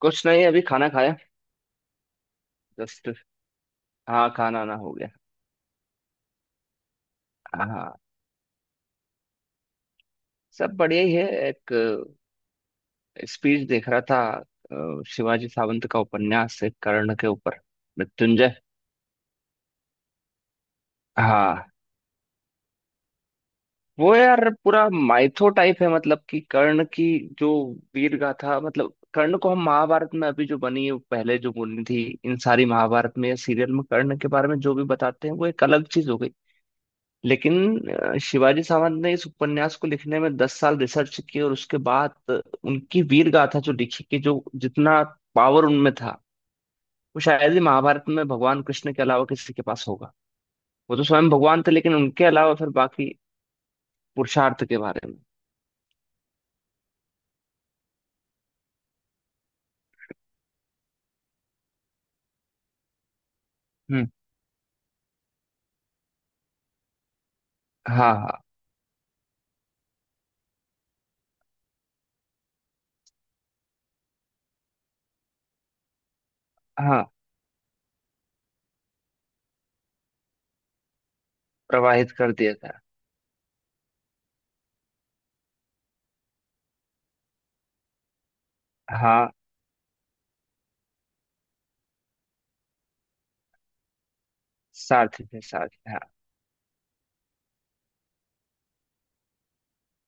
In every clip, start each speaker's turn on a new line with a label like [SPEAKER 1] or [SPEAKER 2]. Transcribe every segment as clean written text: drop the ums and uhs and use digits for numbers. [SPEAKER 1] कुछ नहीं। अभी खाना खाया। जस्ट। हाँ, खाना ना हो गया। हाँ, सब बढ़िया ही है। एक स्पीच देख रहा था। शिवाजी सावंत का उपन्यास है कर्ण के ऊपर, मृत्युंजय। हाँ, वो यार पूरा माइथो टाइप है। मतलब कि कर्ण की जो वीर गाथा, मतलब कर्ण को हम महाभारत में, अभी जो बनी है, पहले जो बनी थी, इन सारी महाभारत में या सीरियल में कर्ण के बारे में जो भी बताते हैं वो एक अलग चीज हो गई। लेकिन शिवाजी सावंत ने इस उपन्यास को लिखने में 10 साल रिसर्च की और उसके बाद उनकी वीर गाथा जो लिखी कि जो जितना पावर उनमें था वो शायद ही महाभारत में भगवान कृष्ण के अलावा किसी के पास होगा। वो तो स्वयं भगवान थे, लेकिन उनके अलावा फिर बाकी पुरुषार्थ के बारे में। हम्म। हाँ हाँ। हाँ, प्रवाहित कर दिया था। हाँ, सारथी थे, सारथी, हाँ।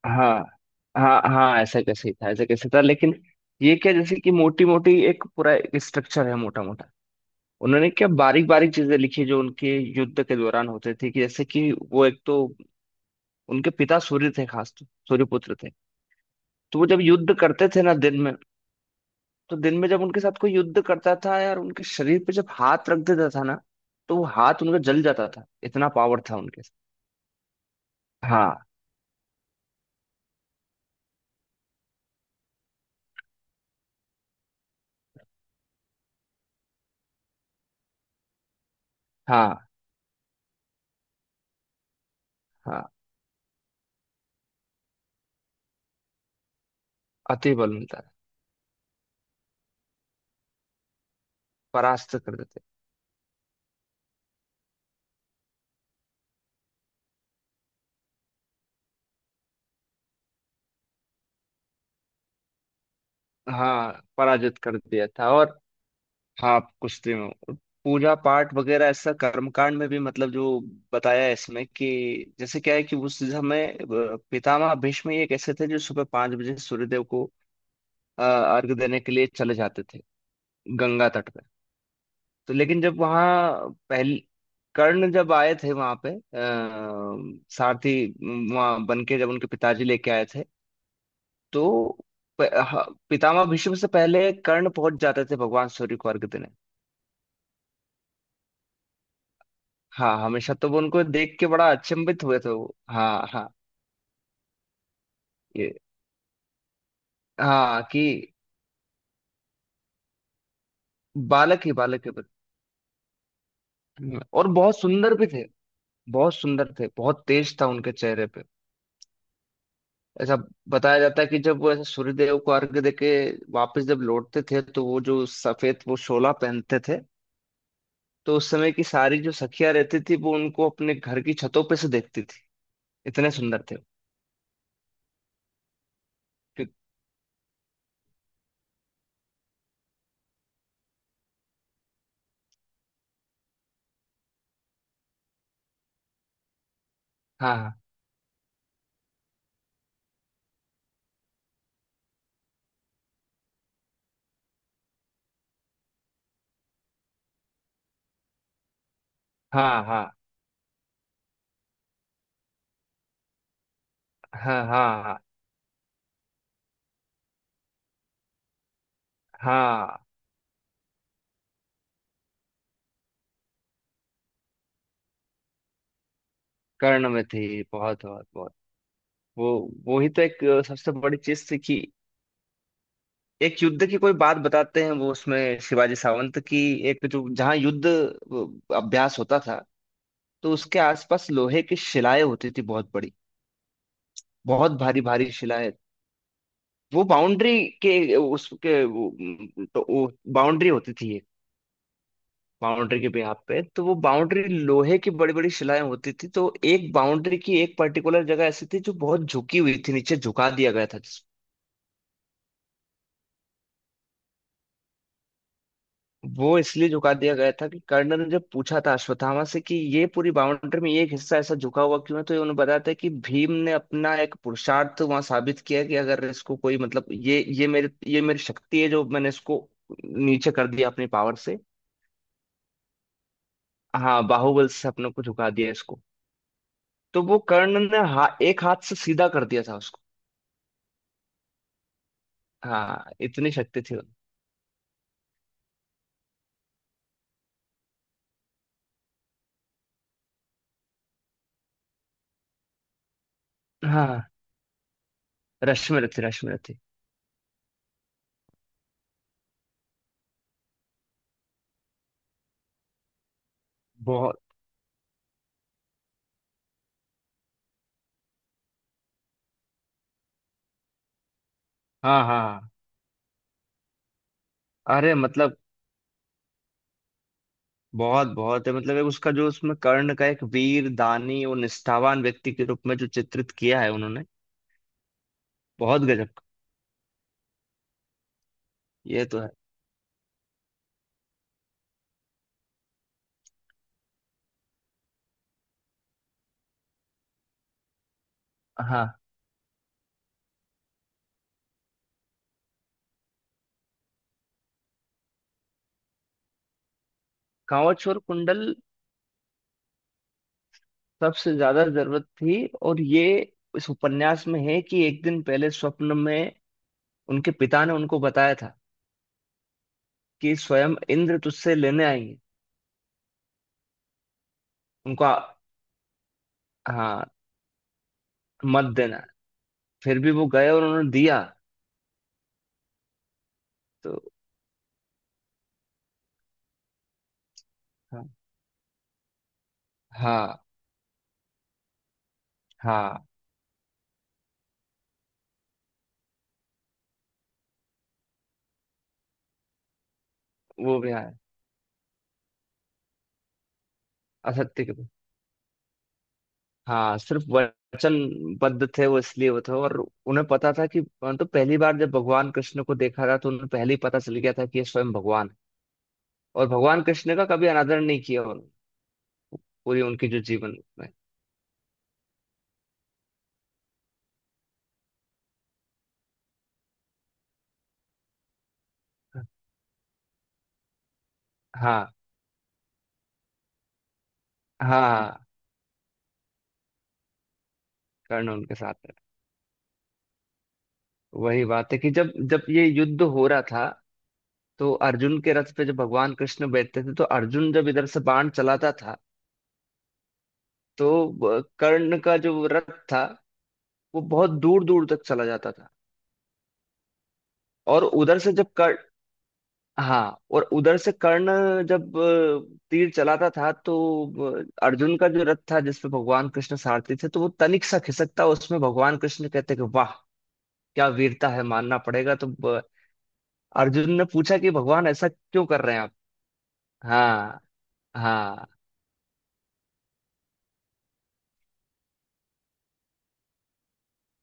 [SPEAKER 1] हाँ हाँ। हाँ, ऐसा कैसे ही था, ऐसा कैसे था लेकिन ये क्या, जैसे कि मोटी मोटी एक पूरा स्ट्रक्चर है, मोटा मोटा। उन्होंने क्या बारीक बारीक चीजें लिखी जो उनके युद्ध के दौरान होते थे। कि जैसे कि वो एक तो उनके पिता सूर्य थे, खास तो सूर्यपुत्र थे। तो वो जब युद्ध करते थे ना दिन में, तो दिन में जब उनके साथ कोई युद्ध करता था यार, उनके शरीर पे जब हाथ रख देता था ना, तो वो हाथ उनका जल जाता था। इतना पावर था उनके साथ। हाँ। हाँ। हाँ, अति बल मिलता था। परास्त कर देते। हाँ, पराजित कर दिया था। और हाँ, आप कुश्ती में हो। पूजा पाठ वगैरह ऐसा कर्मकांड में भी। मतलब जो बताया है इसमें कि जैसे क्या है कि उस समय पितामह भीष्म एक ऐसे थे जो सुबह 5 बजे सूर्यदेव को अर्घ देने के लिए चले जाते थे, गंगा तट पे। तो लेकिन जब वहाँ पहली कर्ण जब आए थे वहां पे सारथी वहां बन के जब उनके पिताजी लेके आए थे, तो पितामह भीष्म से पहले कर्ण पहुंच जाते थे भगवान सूर्य को अर्घ देने। हाँ हमेशा। तो वो उनको देख के बड़ा अचंभित हुए थे वो। हाँ हाँ। ये। हाँ कि बालक ही बालक है बस। और बहुत सुंदर भी थे। बहुत सुंदर थे, बहुत तेज था उनके चेहरे पे। ऐसा बताया जाता है कि जब वो ऐसे सूर्यदेव को अर्घ देके वापस जब लौटते थे, तो वो जो सफेद वो शोला पहनते थे, तो उस समय की सारी जो सखियां रहती थी वो उनको अपने घर की छतों पे से देखती थी। इतने सुंदर थे वो। कि-। हाँ हाँ हाँ हाँ। हाँ हाँ हाँ। हाँ, कर्ण में थी, बहुत बहुत बहुत। वो वो ही तो एक सबसे बड़ी चीज थी कि एक युद्ध की कोई बात बताते हैं वो उसमें शिवाजी सावंत की। एक जो जहाँ युद्ध अभ्यास होता था, तो उसके आसपास लोहे की शिलाएं होती थी, बहुत बड़ी। बहुत भारी भारी शिलाएं। वो बाउंड्री के उसके वो, तो वो बाउंड्री होती थी ये, बाउंड्री के यहाँ पे। तो वो बाउंड्री लोहे की बड़ी बड़ी शिलाएं होती थी। तो एक बाउंड्री की एक पर्टिकुलर जगह ऐसी थी जो बहुत झुकी हुई थी, नीचे झुका दिया गया था। वो इसलिए झुका दिया गया था कि कर्नल ने जब पूछा था अश्वत्थामा से कि ये पूरी बाउंड्री में ये एक हिस्सा ऐसा झुका हुआ क्यों है, तो उन्होंने बताया था कि भीम ने अपना एक पुरुषार्थ वहां साबित किया कि अगर इसको कोई, मतलब ये मेरे ये मेरी शक्ति है जो मैंने इसको नीचे कर दिया अपनी पावर से। हाँ, बाहुबल से अपने को झुका दिया इसको। तो वो कर्णन ने हा, एक हाथ से सीधा कर दिया था उसको। हाँ, इतनी शक्ति थी उन-। हाँ, रश्मि रथी, रश्मि रथी। बहुत। हाँ हाँ हाँ। अरे मतलब बहुत बहुत है। मतलब एक उसका जो उसमें कर्ण का एक वीर दानी और निष्ठावान व्यक्ति के रूप में जो चित्रित किया है उन्होंने, बहुत गजब का। ये तो है। हाँ, कांवच और कुंडल सबसे ज्यादा जरूरत थी। और ये, इस उपन्यास में है कि एक दिन पहले स्वप्न में उनके पिता ने उनको बताया था कि स्वयं इंद्र तुझसे लेने आएंगे। उनको आ-। हाँ, मत देना। फिर भी वो गए और उन्होंने दिया। तो हाँ हाँ हाँ, वो भी आया। असत्य के। हाँ, सिर्फ वचनबद्ध थे वो, इसलिए वो थे। और उन्हें पता था कि, मतलब पहली बार जब भगवान कृष्ण को देखा था तो उन्हें पहले ही पता चल गया था कि ये स्वयं भगवान है, और भगवान कृष्ण का कभी अनादर नहीं किया उन्होंने पूरी उनकी जो जीवन में। हाँ हाँ। कर्ण उनके साथ है। वही बात है कि जब जब ये युद्ध हो रहा था तो अर्जुन के रथ पे जब भगवान कृष्ण बैठते थे तो अर्जुन जब इधर से बाण चलाता था तो ब- कर्ण का जो रथ था वो बहुत दूर दूर तक चला जाता था। और उधर से जब कर, हाँ और उधर से कर्ण जब तीर चलाता था तो अर्जुन का जो रथ था जिसपे भगवान कृष्ण सारथी थे तो वो तनिक सा खिसकता। उसमें भगवान कृष्ण कहते कि वाह, क्या वीरता है, मानना पड़ेगा। तो अ, अर्जुन ने पूछा कि भगवान ऐसा क्यों कर रहे हैं आप। हाँ हाँ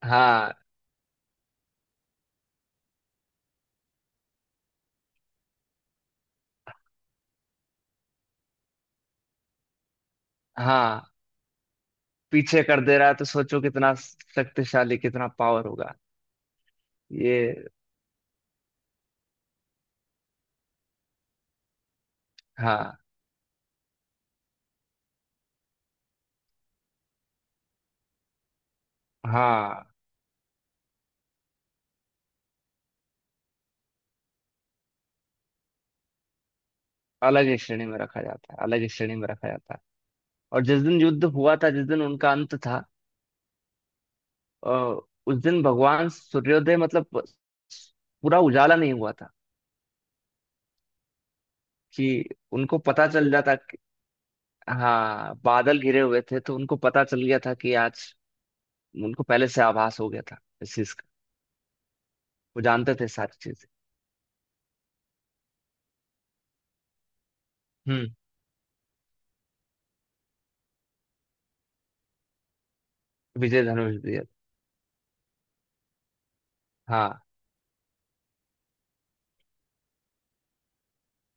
[SPEAKER 1] हाँ हाँ। पीछे कर दे रहा है तो सोचो कितना शक्तिशाली, कितना पावर होगा। ये। हाँ हाँ। अलग ही श्रेणी में रखा जाता है, अलग ही श्रेणी में रखा जाता है। और जिस दिन युद्ध हुआ था, जिस दिन उनका अंत था, अ, उस दिन भगवान सूर्योदय, मतलब पूरा उजाला नहीं हुआ था कि उनको पता चल जाता कि। हाँ, बादल घिरे हुए थे तो उनको पता चल गया था कि आज उनको पहले से आभास हो गया था इस चीज का। वो जानते थे सारी चीजें। हम्म। विजय धनुष दिए। हाँ,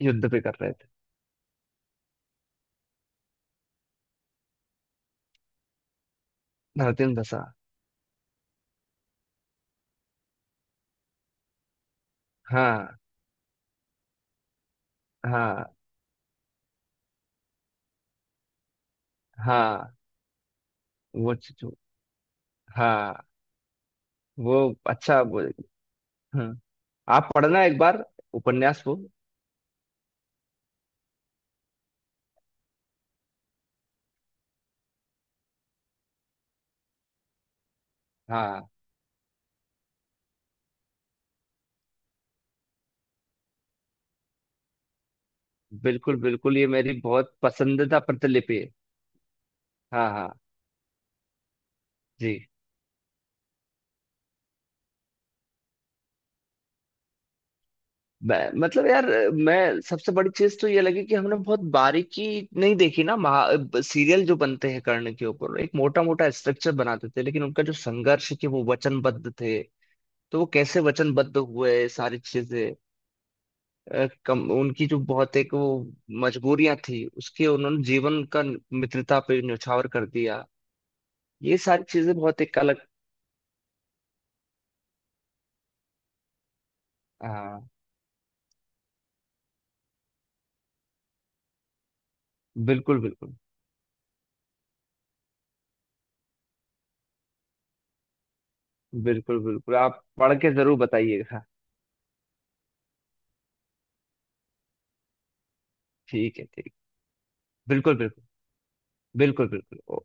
[SPEAKER 1] युद्ध पे कर रहे थे। धरती में धंसा। हाँ हाँ हाँ। वो चीज वो-। हाँ। वो अच्छा वो, हम्म, आप पढ़ना एक बार उपन्यास को। हाँ, बिल्कुल बिल्कुल। ये मेरी बहुत पसंदीदा प्रतिलिपि है। हाँ हाँ, जी। मैं, मतलब यार, मैं सबसे बड़ी चीज तो ये लगी कि हमने बहुत बारीकी नहीं देखी ना, महा, सीरियल जो बनते हैं कर्ण के ऊपर एक मोटा मोटा स्ट्रक्चर बनाते थे। लेकिन उनका जो संघर्ष है कि वो वचनबद्ध थे, तो वो कैसे वचनबद्ध हुए, सारी चीजें, कम उनकी जो बहुत एक वो मजबूरियां थी उसके। उन्होंने जीवन का मित्रता पे न्यौछावर कर दिया। ये सारी चीजें बहुत एक अलग। हाँ, बिल्कुल बिल्कुल। बिल्कुल बिल्कुल, आप पढ़ के जरूर बताइएगा। ठीक है, ठीक। बिल्कुल बिल्कुल। बिल्कुल बिल्कुल।